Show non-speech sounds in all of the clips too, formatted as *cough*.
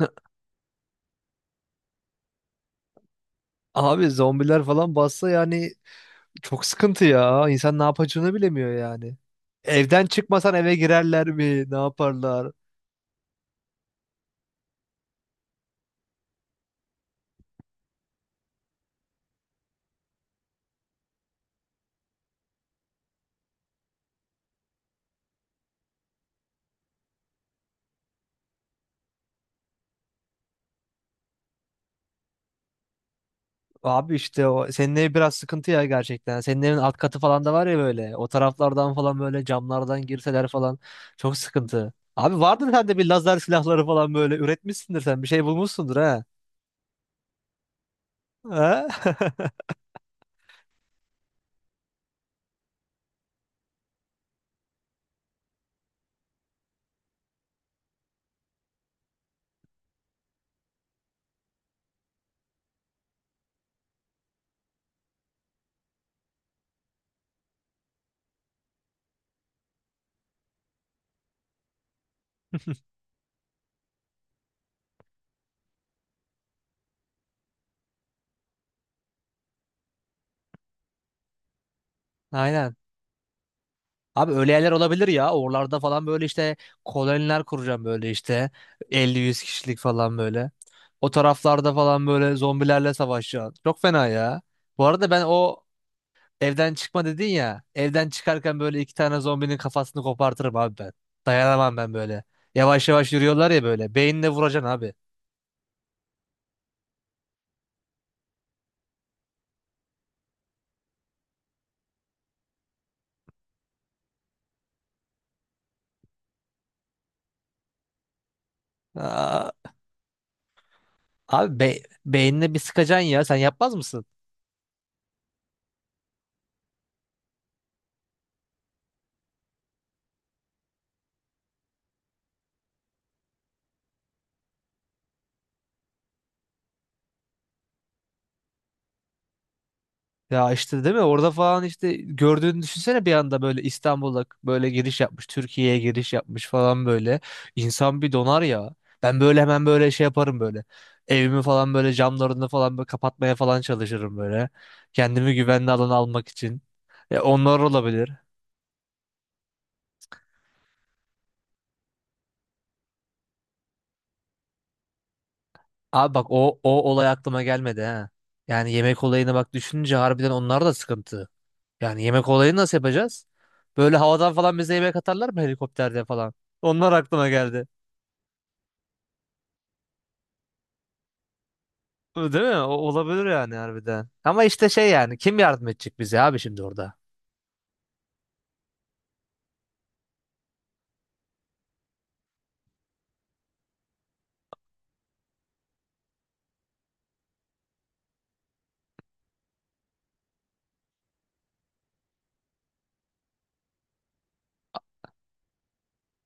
*laughs* Abi zombiler falan bassa yani çok sıkıntı ya. İnsan ne yapacağını bilemiyor yani. Evden çıkmasan eve girerler mi? Ne yaparlar? Abi işte o senin ev biraz sıkıntı ya gerçekten. Senin evin alt katı falan da var ya böyle. O taraflardan falan böyle camlardan girseler falan çok sıkıntı. Abi vardır sende bir lazer silahları falan böyle üretmişsindir sen. Bir şey bulmuşsundur ha. Ha? *laughs* Aynen. Abi öyle yerler olabilir ya. Oralarda falan böyle işte koloniler kuracağım böyle işte. 50 100 kişilik falan böyle. O taraflarda falan böyle zombilerle savaşacağım. Çok fena ya. Bu arada ben o evden çıkma dedin ya. Evden çıkarken böyle iki tane zombinin kafasını kopartırım abi ben. Dayanamam ben böyle. Yavaş yavaş yürüyorlar ya böyle. Beyinle vuracaksın abi. Aa, abi beynine bir sıkacaksın ya. Sen yapmaz mısın? Ya işte değil mi? Orada falan işte gördüğünü düşünsene bir anda böyle İstanbul'a böyle giriş yapmış, Türkiye'ye giriş yapmış falan böyle. İnsan bir donar ya. Ben böyle hemen böyle şey yaparım böyle. Evimi falan böyle camlarını falan böyle kapatmaya falan çalışırım böyle. Kendimi güvenli alana almak için. E onlar olabilir. Abi bak o olay aklıma gelmedi ha. Yani yemek olayını bak düşününce harbiden onlar da sıkıntı. Yani yemek olayını nasıl yapacağız? Böyle havadan falan bize yemek atarlar mı helikopterde falan? Onlar aklıma geldi. Değil mi? O, olabilir yani harbiden. Ama işte şey yani kim yardım edecek bize abi şimdi orada?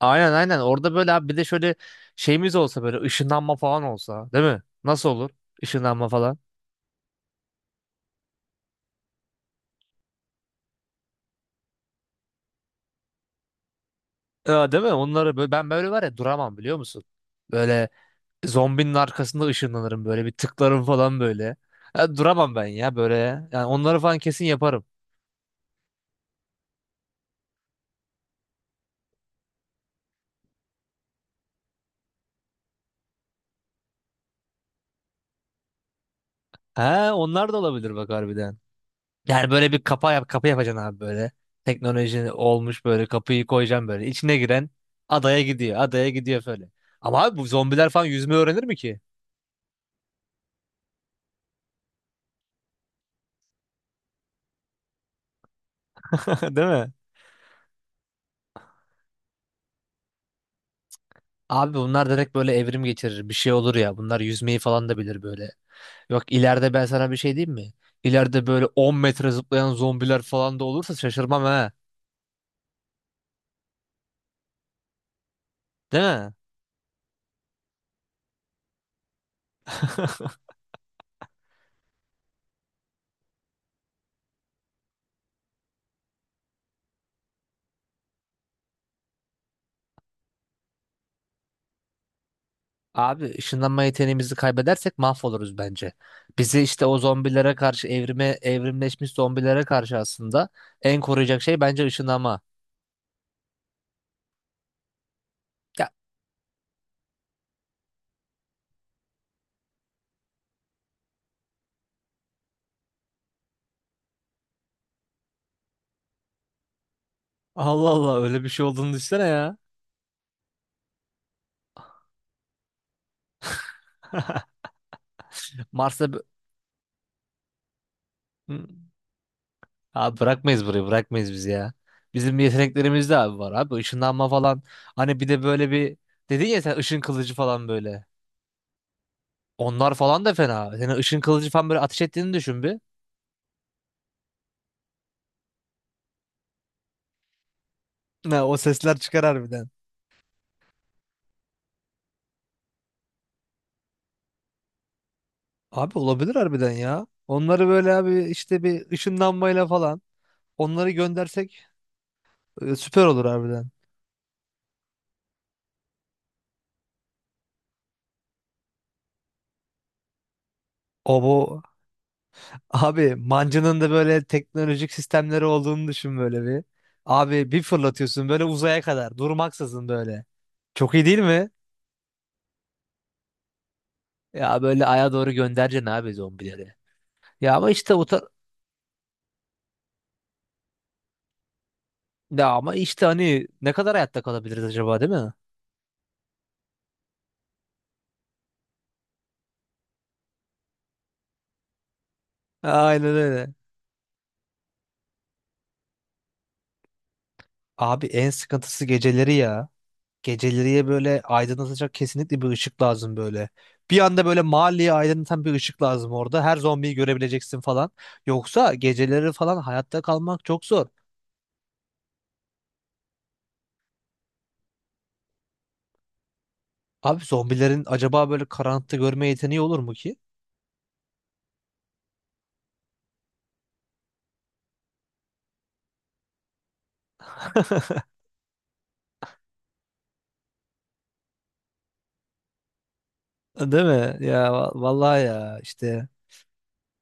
Aynen, aynen, orada böyle abi bir de şöyle şeyimiz olsa böyle ışınlanma falan olsa değil mi? Nasıl olur? Işınlanma falan. Ya, değil mi? Onları böyle, ben böyle var ya duramam biliyor musun? Böyle zombinin arkasında ışınlanırım böyle bir tıklarım falan böyle. Ya, duramam ben ya böyle. Yani onları falan kesin yaparım. He, onlar da olabilir bak harbiden. Yani böyle bir kapı yapacaksın abi böyle. Teknoloji olmuş böyle kapıyı koyacaksın böyle. İçine giren adaya gidiyor. Adaya gidiyor böyle. Ama abi bu zombiler falan yüzme öğrenir mi ki? *laughs* Değil mi? Abi bunlar direkt böyle evrim geçirir. Bir şey olur ya. Bunlar yüzmeyi falan da bilir böyle. Yok, ileride ben sana bir şey diyeyim mi? İleride böyle 10 metre zıplayan zombiler falan da olursa şaşırmam ha. Değil mi? Abi ışınlanma yeteneğimizi kaybedersek mahvoluruz bence. Bizi işte o zombilere karşı evrimleşmiş zombilere karşı aslında en koruyacak şey bence ışınlanma. Ya Allah Allah, öyle bir şey olduğunu düşünsene ya. *laughs* Mars'ta bi- Hı. Abi bırakmayız burayı, bırakmayız bizi ya. Bizim yeteneklerimiz de abi var abi, ışınlanma falan. Hani bir de böyle bir dedin ya sen, ışın kılıcı falan böyle. Onlar falan da fena. Senin ışın kılıcı falan böyle ateş ettiğini düşün bir. Ne, o sesler çıkar harbiden. Abi olabilir harbiden ya. Onları böyle abi işte bir ışınlanmayla falan onları göndersek süper olur harbiden. O bu abi mancının da böyle teknolojik sistemleri olduğunu düşün böyle bir. Abi bir fırlatıyorsun böyle uzaya kadar durmaksızın böyle. Çok iyi değil mi? Ya böyle aya doğru göndereceksin abi zombileri. Ya ama işte o tar- ya ama işte hani ne kadar hayatta kalabiliriz acaba değil mi? Aynen öyle. Abi en sıkıntısı geceleri ya. Geceleriye böyle aydınlatacak kesinlikle bir ışık lazım böyle. Bir anda böyle mahalleyi aydınlatan bir ışık lazım orada. Her zombiyi görebileceksin falan. Yoksa geceleri falan hayatta kalmak çok zor. Abi zombilerin acaba böyle karanlıkta görme yeteneği olur mu ki? *laughs* Değil mi? Ya vallahi ya işte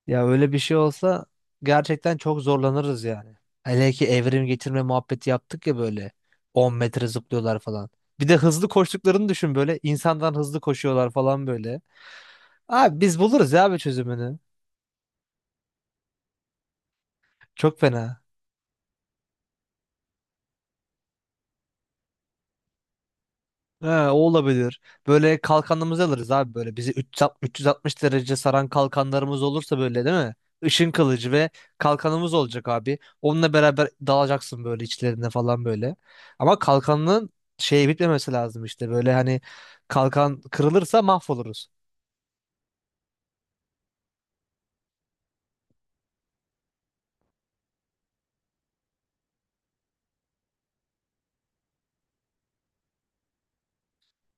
ya öyle bir şey olsa gerçekten çok zorlanırız yani. Hele ki evrim getirme muhabbeti yaptık ya böyle. 10 metre zıplıyorlar falan. Bir de hızlı koştuklarını düşün böyle, insandan hızlı koşuyorlar falan böyle. Abi biz buluruz ya abi çözümünü. Çok fena. Ha, o olabilir. Böyle kalkanımızı alırız abi böyle. Bizi 360 360 derece saran kalkanlarımız olursa böyle değil mi? Işın kılıcı ve kalkanımız olacak abi. Onunla beraber dalacaksın böyle içlerine falan böyle. Ama kalkanın şey bitmemesi lazım işte. Böyle hani kalkan kırılırsa mahvoluruz.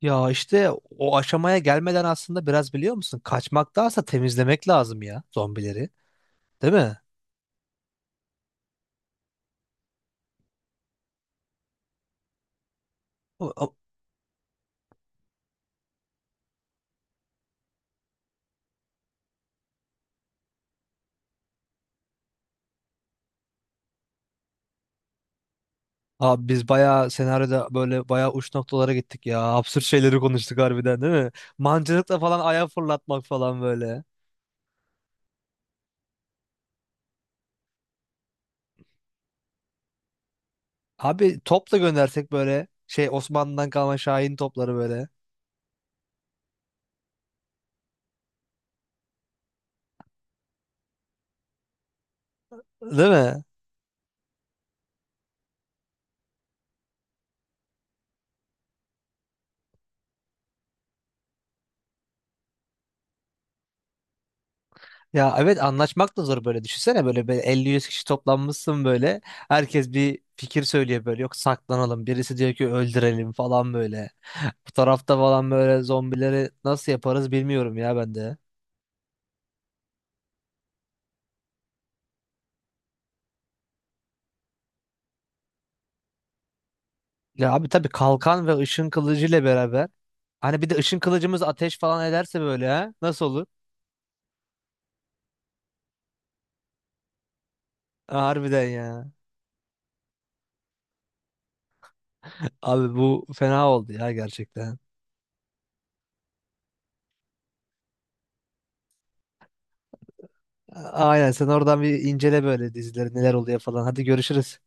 Ya işte o aşamaya gelmeden aslında biraz biliyor musun? Kaçmaktansa temizlemek lazım ya zombileri. Değil mi? Abi biz bayağı senaryoda böyle bayağı uç noktalara gittik ya. Absürt şeyleri konuştuk harbiden değil mi? Mancınıkla falan ayağı fırlatmak falan böyle. Abi top da göndersek böyle şey, Osmanlı'dan kalma Şahin topları böyle. Değil mi? Ya evet, anlaşmak da zor böyle. Düşünsene böyle 50-100 kişi toplanmışsın böyle. Herkes bir fikir söylüyor böyle. Yok, saklanalım. Birisi diyor ki öldürelim falan böyle. Bu tarafta falan böyle zombileri nasıl yaparız bilmiyorum ya ben de. Ya abi tabii kalkan ve ışın kılıcı ile beraber. Hani bir de ışın kılıcımız ateş falan ederse böyle ha. Nasıl olur? Harbiden ya. *laughs* Abi bu fena oldu ya gerçekten. Aynen, sen oradan bir incele böyle dizileri neler oluyor falan. Hadi görüşürüz.